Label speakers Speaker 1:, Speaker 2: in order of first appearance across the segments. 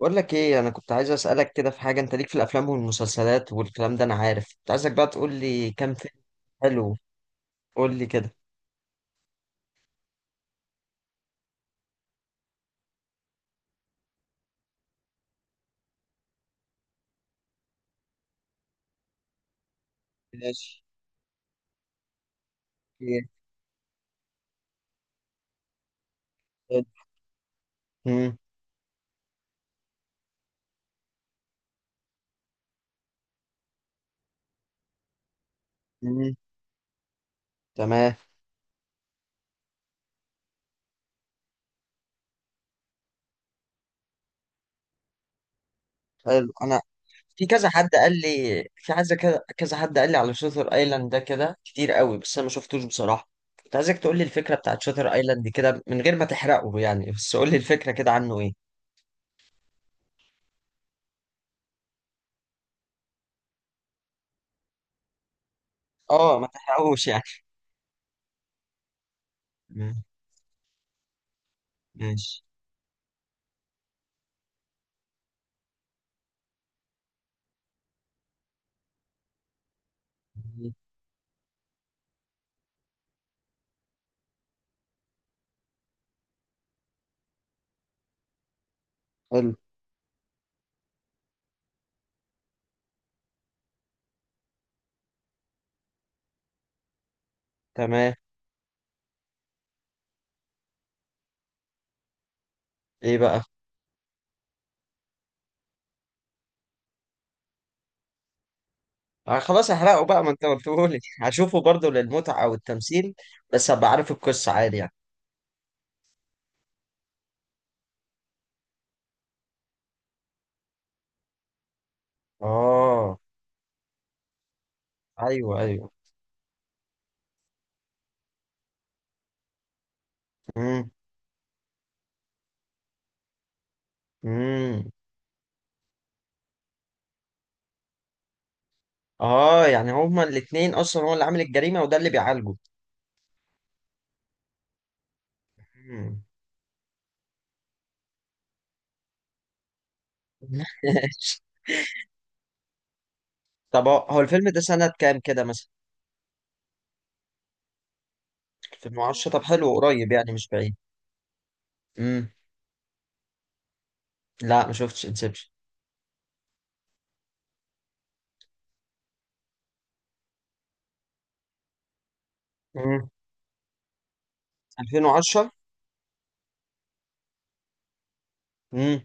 Speaker 1: بقول لك ايه، انا كنت عايز اسالك كده في حاجه. انت ليك في الافلام والمسلسلات والكلام ده، انا عارف. كنت عايزك بقى تقول لي كام فيلم حلو. قول لي كده. ماشي. إيه؟ حلو. مم. مم. تمام. حلو. انا في كذا حد قال لي، في عايز كذا كذا حد قال لي على شاتر ايلاند ده كده كتير قوي، بس انا ما شفتوش بصراحه. كنت عايزك تقول لي الفكره بتاعت شاتر ايلاند كده من غير ما تحرقه يعني، بس قول لي الفكره كده عنه ايه. اه، ما تحرقوش يعني. تمام. ماشي. مم. حلو. تمام. ايه بقى. خلاص احرقه بقى، ما انت قلتهولي. هشوفه برضه للمتعة والتمثيل، بس هبقى عارف القصة عادي يعني. اه. ايوه، ايوه. امم. امم. اه يعني هما الاتنين اصلا، هو اللي عامل الجريمة وده اللي بيعالجه. مم. طب هو الفيلم ده سنة كام كده مثلا؟ 2010. طب حلو، قريب يعني مش بعيد. امم. لا، ما شفتش انسبشن. امم. 2010. امم.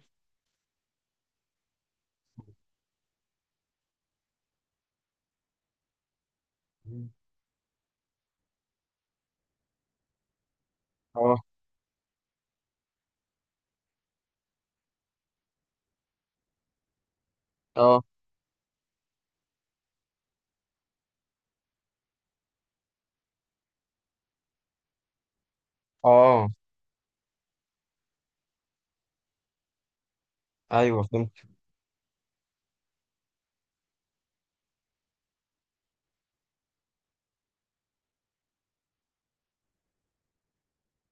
Speaker 1: اه. اه. اه. ايوه فهمت.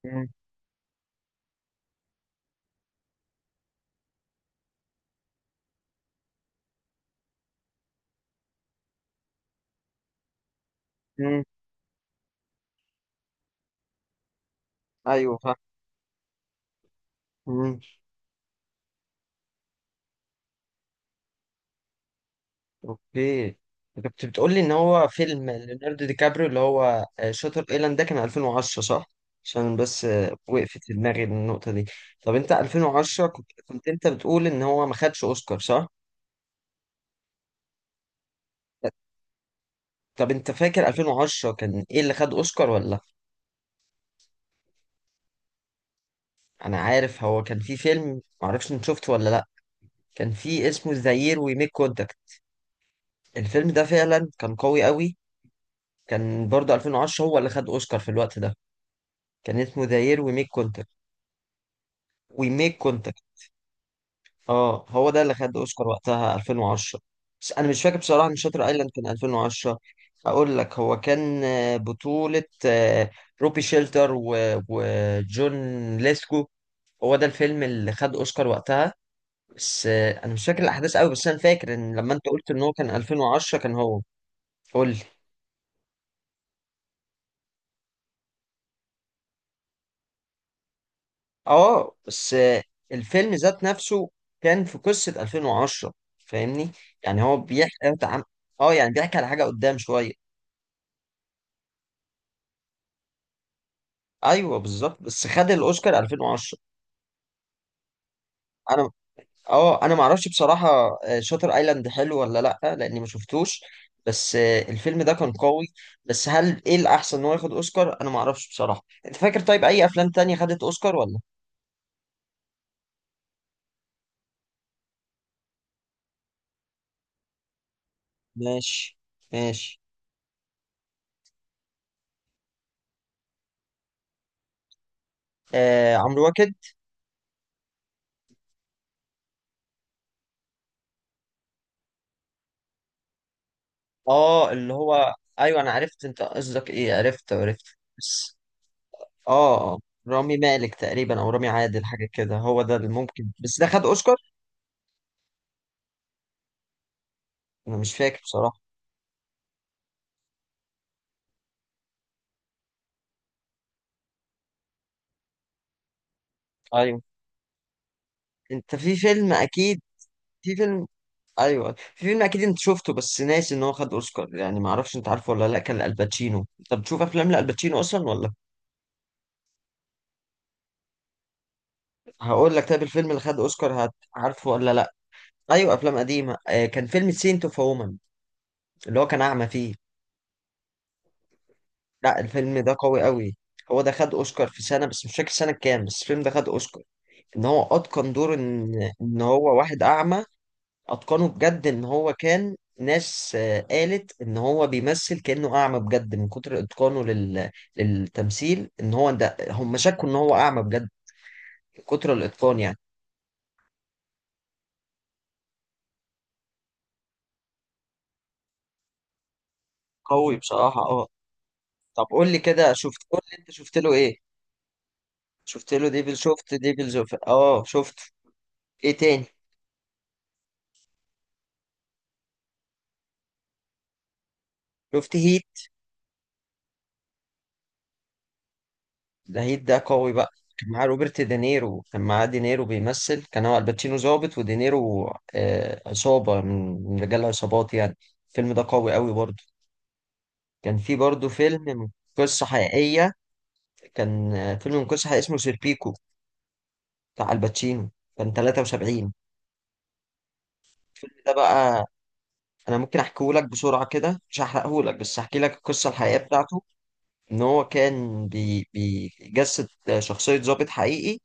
Speaker 1: امم. امم. ايوه فهمت. اوكي. انت كنت بتقول لي ان هو فيلم ليوناردو دي كابريو اللي هو شاتر ايلاند ده كان 2010 صح؟ عشان بس وقفت في دماغي النقطة دي. طب انت 2010 كنت انت بتقول ان هو ما خدش اوسكار صح؟ طب انت فاكر 2010 كان ايه اللي خد اوسكار ولا؟ انا عارف هو كان في فيلم. ما اعرفش انت شفته ولا لا. كان في اسمه ذا يير وي ميك كونتاكت. الفيلم ده فعلا كان قوي قوي. كان برضه 2010 هو اللي خد اوسكار في الوقت ده. كان اسمه ذا يير وي ميك كونتاكت. وي ميك. اه هو ده اللي خد اوسكار وقتها 2010. بس انا مش فاكر بصراحه ان شاتر ايلاند كان 2010. اقول لك هو كان بطوله روبي شيلتر وجون ليسكو. هو ده الفيلم اللي خد اوسكار وقتها. بس انا مش فاكر الاحداث قوي، بس انا فاكر ان لما انت قلت ان هو كان 2010 كان هو. قول لي. اه بس الفيلم ذات نفسه كان في قصه 2010، فاهمني؟ يعني هو بيحكي. اه يعني بيحكي على حاجه قدام شويه. ايوه بالظبط، بس خد الاوسكار 2010. انا اه، انا ما اعرفش بصراحه. شاتر ايلاند حلو ولا لا، لاني ما شفتوش. بس الفيلم ده كان قوي. بس هل ايه الاحسن ان هو ياخد اوسكار؟ انا ما اعرفش بصراحه. انت فاكر طيب اي افلام تانية خدت اوسكار ولا؟ ماشي. ماشي. آه عمرو واكد. اه اللي هو، ايوه انا عرفت انت قصدك ايه، عرفت عرفت. بس اه، اه رامي مالك تقريبا، او رامي عادل حاجه كده، هو ده اللي ممكن، بس ده خد اوسكار. انا مش فاكر بصراحه. ايوه انت في فيلم اكيد. في فيلم. ايوه في فيلم اكيد انت شفته بس ناسي ان هو خد اوسكار يعني. ما اعرفش انت عارفه ولا لا، كان الباتشينو. انت بتشوف افلام لالباتشينو اصلا ولا؟ هقول لك طيب الفيلم اللي خد اوسكار عارفه ولا لا. ايوه افلام قديمه. آه كان فيلم سينت اوف وومن اللي هو كان اعمى فيه. لا الفيلم ده قوي قوي. هو ده خد اوسكار في سنه، بس مش فاكر سنه كام، بس الفيلم ده خد اوسكار. ان هو اتقن دور ان، ان هو واحد اعمى. اتقنه بجد، ان هو كان ناس قالت ان هو بيمثل كانه اعمى بجد من كتر اتقانه للتمثيل، ان هو ده هم شكوا ان هو اعمى بجد من كتر الاتقان يعني. قوي بصراحه اه. طب قول لي كده، شفت، قول لي انت شفت له ايه. شفت له ديفل، شفت ديفل زوف، اه شفت. ايه تاني؟ شفت هيت؟ ده هيت ده قوي بقى. كان معاه روبرت دينيرو، كان معاه دينيرو بيمثل، كان هو الباتشينو ضابط ودينيرو آه عصابه، من رجال عصابات يعني. الفيلم ده قوي قوي برضه. كان في برضو فيلم من قصة حقيقية. كان فيلم من قصة حقيقية اسمه سيربيكو، بتاع الباتشينو. كان 73. الفيلم ده بقى، أنا ممكن أحكيه لك بسرعة كده، مش هحرقه لك بس أحكي لك القصة الحقيقية بتاعته. إن هو كان بيجسد شخصية ضابط حقيقي.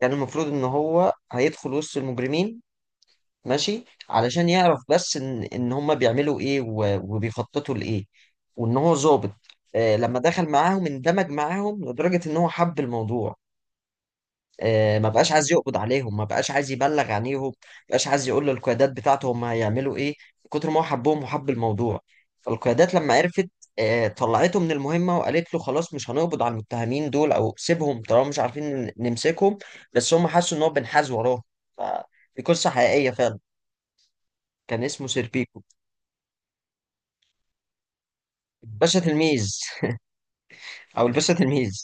Speaker 1: كان المفروض إن هو هيدخل وسط المجرمين، ماشي، علشان يعرف بس إن هما بيعملوا إيه وبيخططوا لإيه، وإن هو ظابط. لما دخل معاهم اندمج معاهم لدرجة إن هو حب الموضوع. ما بقاش عايز يقبض عليهم، ما بقاش عايز يبلغ عنيهم، ما بقاش عايز يقول للقيادات بتاعته هم هيعملوا ايه، من كتر ما هو حبهم وحب الموضوع. فالقيادات لما عرفت طلعته من المهمة وقالت له خلاص مش هنقبض على المتهمين دول، او سيبهم طالما مش عارفين نمسكهم. بس هم حسوا ان هو بنحاز وراهم، فدي قصة حقيقية فعلا. كان اسمه سيربيكو. الباشا تلميذ. او الباشا تلميذ.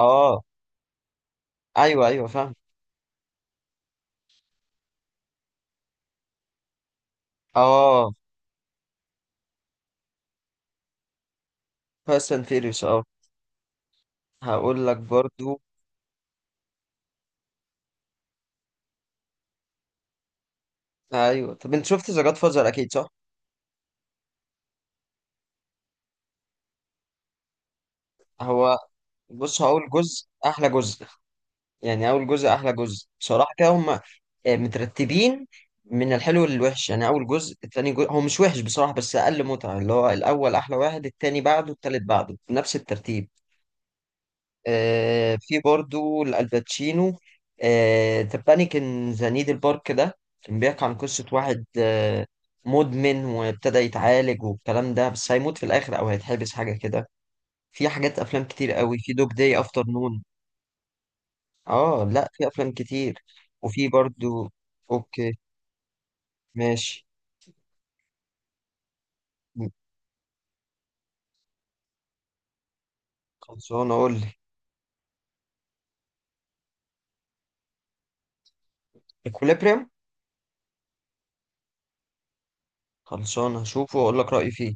Speaker 1: اه. ايوه ايوه فاهم. اه. فاست اند فيريوس اه. هقول لك برضو. ايوه طب انت شفت ذا جاد فازر اكيد صح؟ هو، بص، هو اول جزء احلى جزء. يعني اول جزء احلى جزء بصراحه كده. هم مترتبين من الحلو للوحش يعني. اول جزء، التاني جزء هو مش وحش بصراحه بس اقل متعه. اللي هو الاول احلى واحد، التاني بعده، التالت بعده، نفس الترتيب. آه في برضو الباتشينو. آه ذا بانيك ان ذا نيدل بارك، ده كان بيحكي عن قصه واحد آه مدمن، وابتدى يتعالج والكلام ده، بس هيموت في الاخر او هيتحبس حاجه كده. في حاجات افلام كتير قوي. في دوج داي افتر نون. اه لا في افلام كتير. وفي برضو. اوكي. ماشي. خلصانه اقول لك. اكوليبريم. خلصانه هشوفه واقول لك رايي فيه.